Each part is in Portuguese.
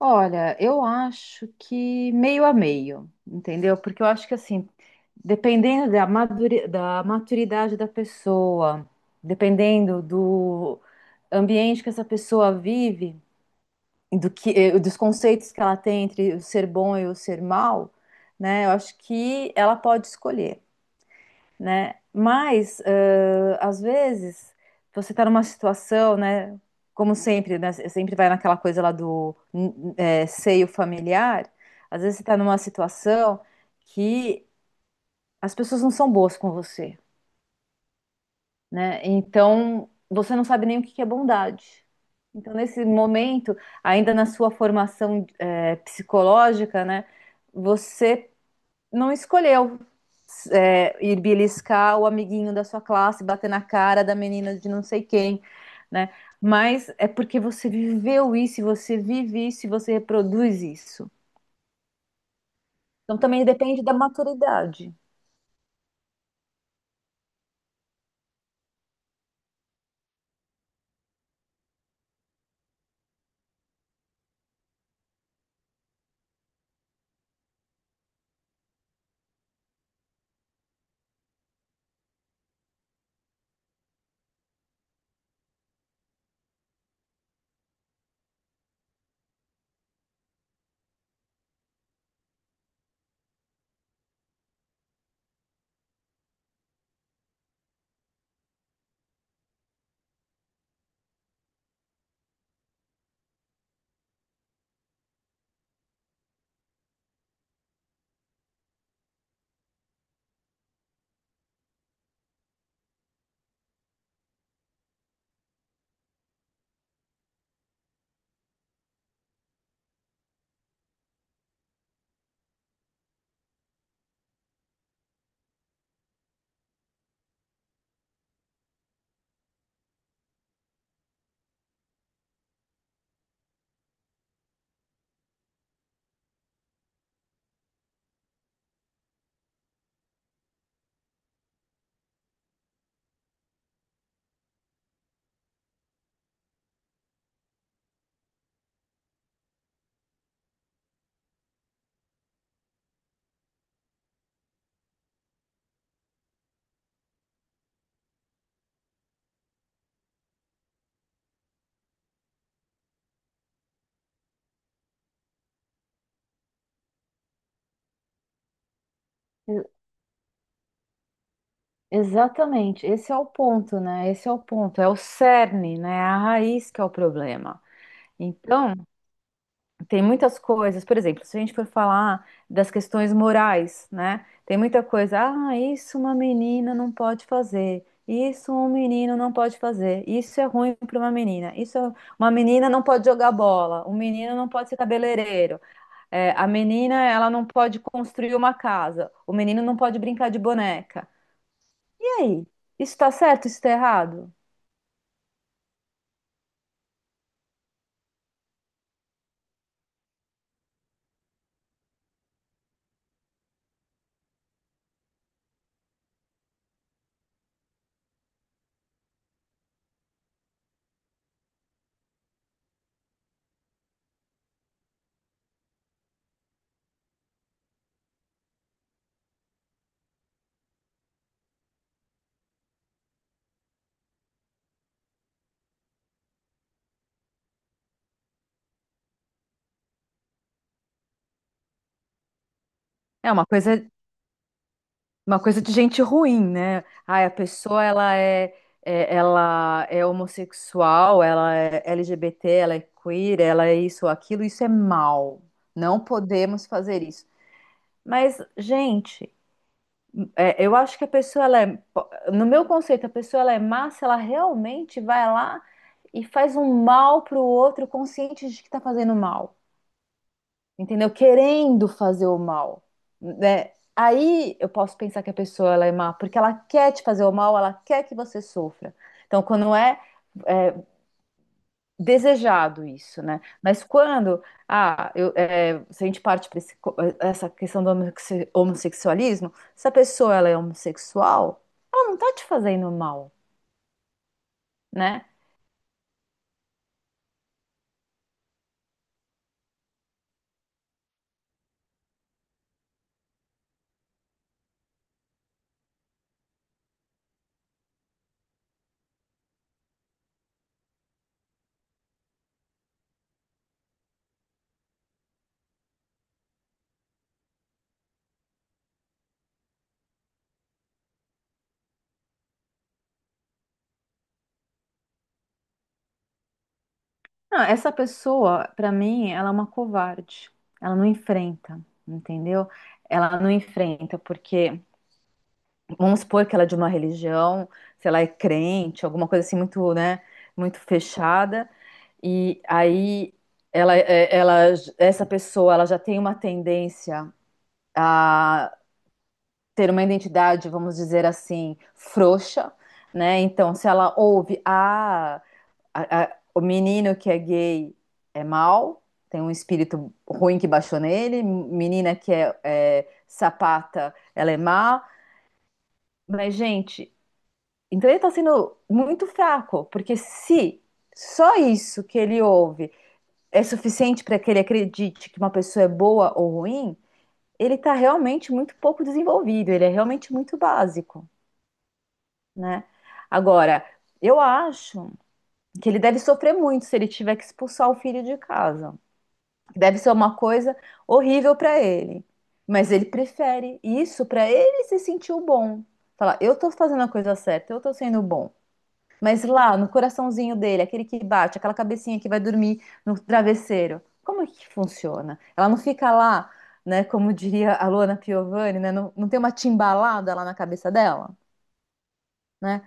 Olha, eu acho que meio a meio, entendeu? Porque eu acho que assim, dependendo da da maturidade da pessoa, dependendo do ambiente que essa pessoa vive, e do que, dos conceitos que ela tem entre o ser bom e o ser mal, né? Eu acho que ela pode escolher, né? Mas, às vezes, você está numa situação, né? Como sempre, né? Sempre vai naquela coisa lá do é, seio familiar. Às vezes você está numa situação que as pessoas não são boas com você, né? Então, você não sabe nem o que que é bondade. Então, nesse momento, ainda na sua formação, é, psicológica, né? Você não escolheu, é, ir beliscar o amiguinho da sua classe, bater na cara da menina de não sei quem, né? Mas é porque você viveu isso, você vive isso, e você reproduz isso. Então também depende da maturidade. Exatamente, esse é o ponto, né? Esse é o ponto, é o cerne, né? É a raiz que é o problema. Então, tem muitas coisas, por exemplo, se a gente for falar das questões morais, né? Tem muita coisa, ah, isso uma menina não pode fazer, isso um menino não pode fazer, isso é ruim para uma menina, uma menina não pode jogar bola, um menino não pode ser cabeleireiro, é, a menina ela não pode construir uma casa, o menino não pode brincar de boneca. E aí? Isso está certo, isso está errado? É uma coisa. Uma coisa de gente ruim, né? Ai, a pessoa ela é, ela é homossexual, ela é LGBT, ela é queer, ela é isso, aquilo, isso é mal. Não podemos fazer isso. Mas, gente, é, eu acho que a pessoa ela é, no meu conceito, a pessoa ela é má se ela realmente vai lá e faz um mal pro outro consciente de que tá fazendo mal, entendeu? Querendo fazer o mal, né? Aí eu posso pensar que a pessoa ela é má, porque ela quer te fazer o mal, ela quer que você sofra. Então, quando é, é, desejado isso, né? Mas quando, ah, eu, é, se a gente parte para essa questão do homossexualismo, se a pessoa ela é homossexual, ela não tá te fazendo mal, né? Não, essa pessoa, para mim, ela é uma covarde. Ela não enfrenta, entendeu? Ela não enfrenta porque vamos supor que ela é de uma religião, se ela é crente, alguma coisa assim muito, né, muito fechada, e aí ela, ela, essa pessoa, ela já tem uma tendência a ter uma identidade, vamos dizer assim, frouxa, né? Então, se ela ouve, ah, o menino que é gay é mau, tem um espírito ruim que baixou nele, menina que é, é sapata, ela é má, mas, gente, então ele está sendo muito fraco, porque se só isso que ele ouve é suficiente para que ele acredite que uma pessoa é boa ou ruim, ele está realmente muito pouco desenvolvido, ele é realmente muito básico, né? Agora, eu acho que ele deve sofrer muito se ele tiver que expulsar o filho de casa. Deve ser uma coisa horrível para ele. Mas ele prefere isso para ele se sentir o bom. Falar, eu estou fazendo a coisa certa, eu estou sendo bom. Mas lá, no coraçãozinho dele, aquele que bate, aquela cabecinha que vai dormir no travesseiro, como é que funciona? Ela não fica lá, né, como diria a Luana Piovani, né, não tem uma timbalada lá na cabeça dela, né?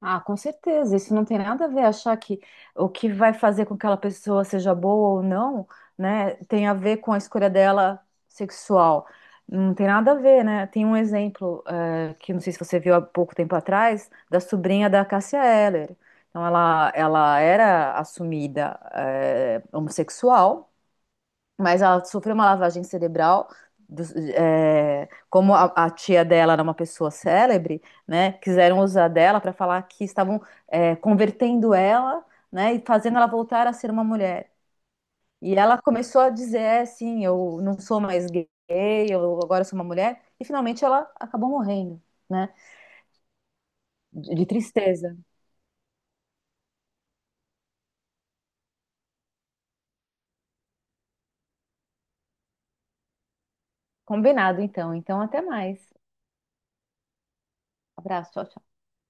Ah, com certeza. Isso não tem nada a ver. Achar que o que vai fazer com que aquela pessoa seja boa ou não, né, tem a ver com a escolha dela sexual. Não tem nada a ver, né? Tem um exemplo, que não sei se você viu há pouco tempo atrás, da sobrinha da Cássia Eller. Então, ela era assumida, eh, homossexual, mas ela sofreu uma lavagem cerebral. É, como a tia dela era uma pessoa célebre, né, quiseram usar dela para falar que estavam é, convertendo ela, né, e fazendo ela voltar a ser uma mulher. E ela começou a dizer, é, sim, eu não sou mais gay, eu agora sou uma mulher. E finalmente ela acabou morrendo, né, de tristeza. Combinado, então. Então, até mais. Abraço. Tchau,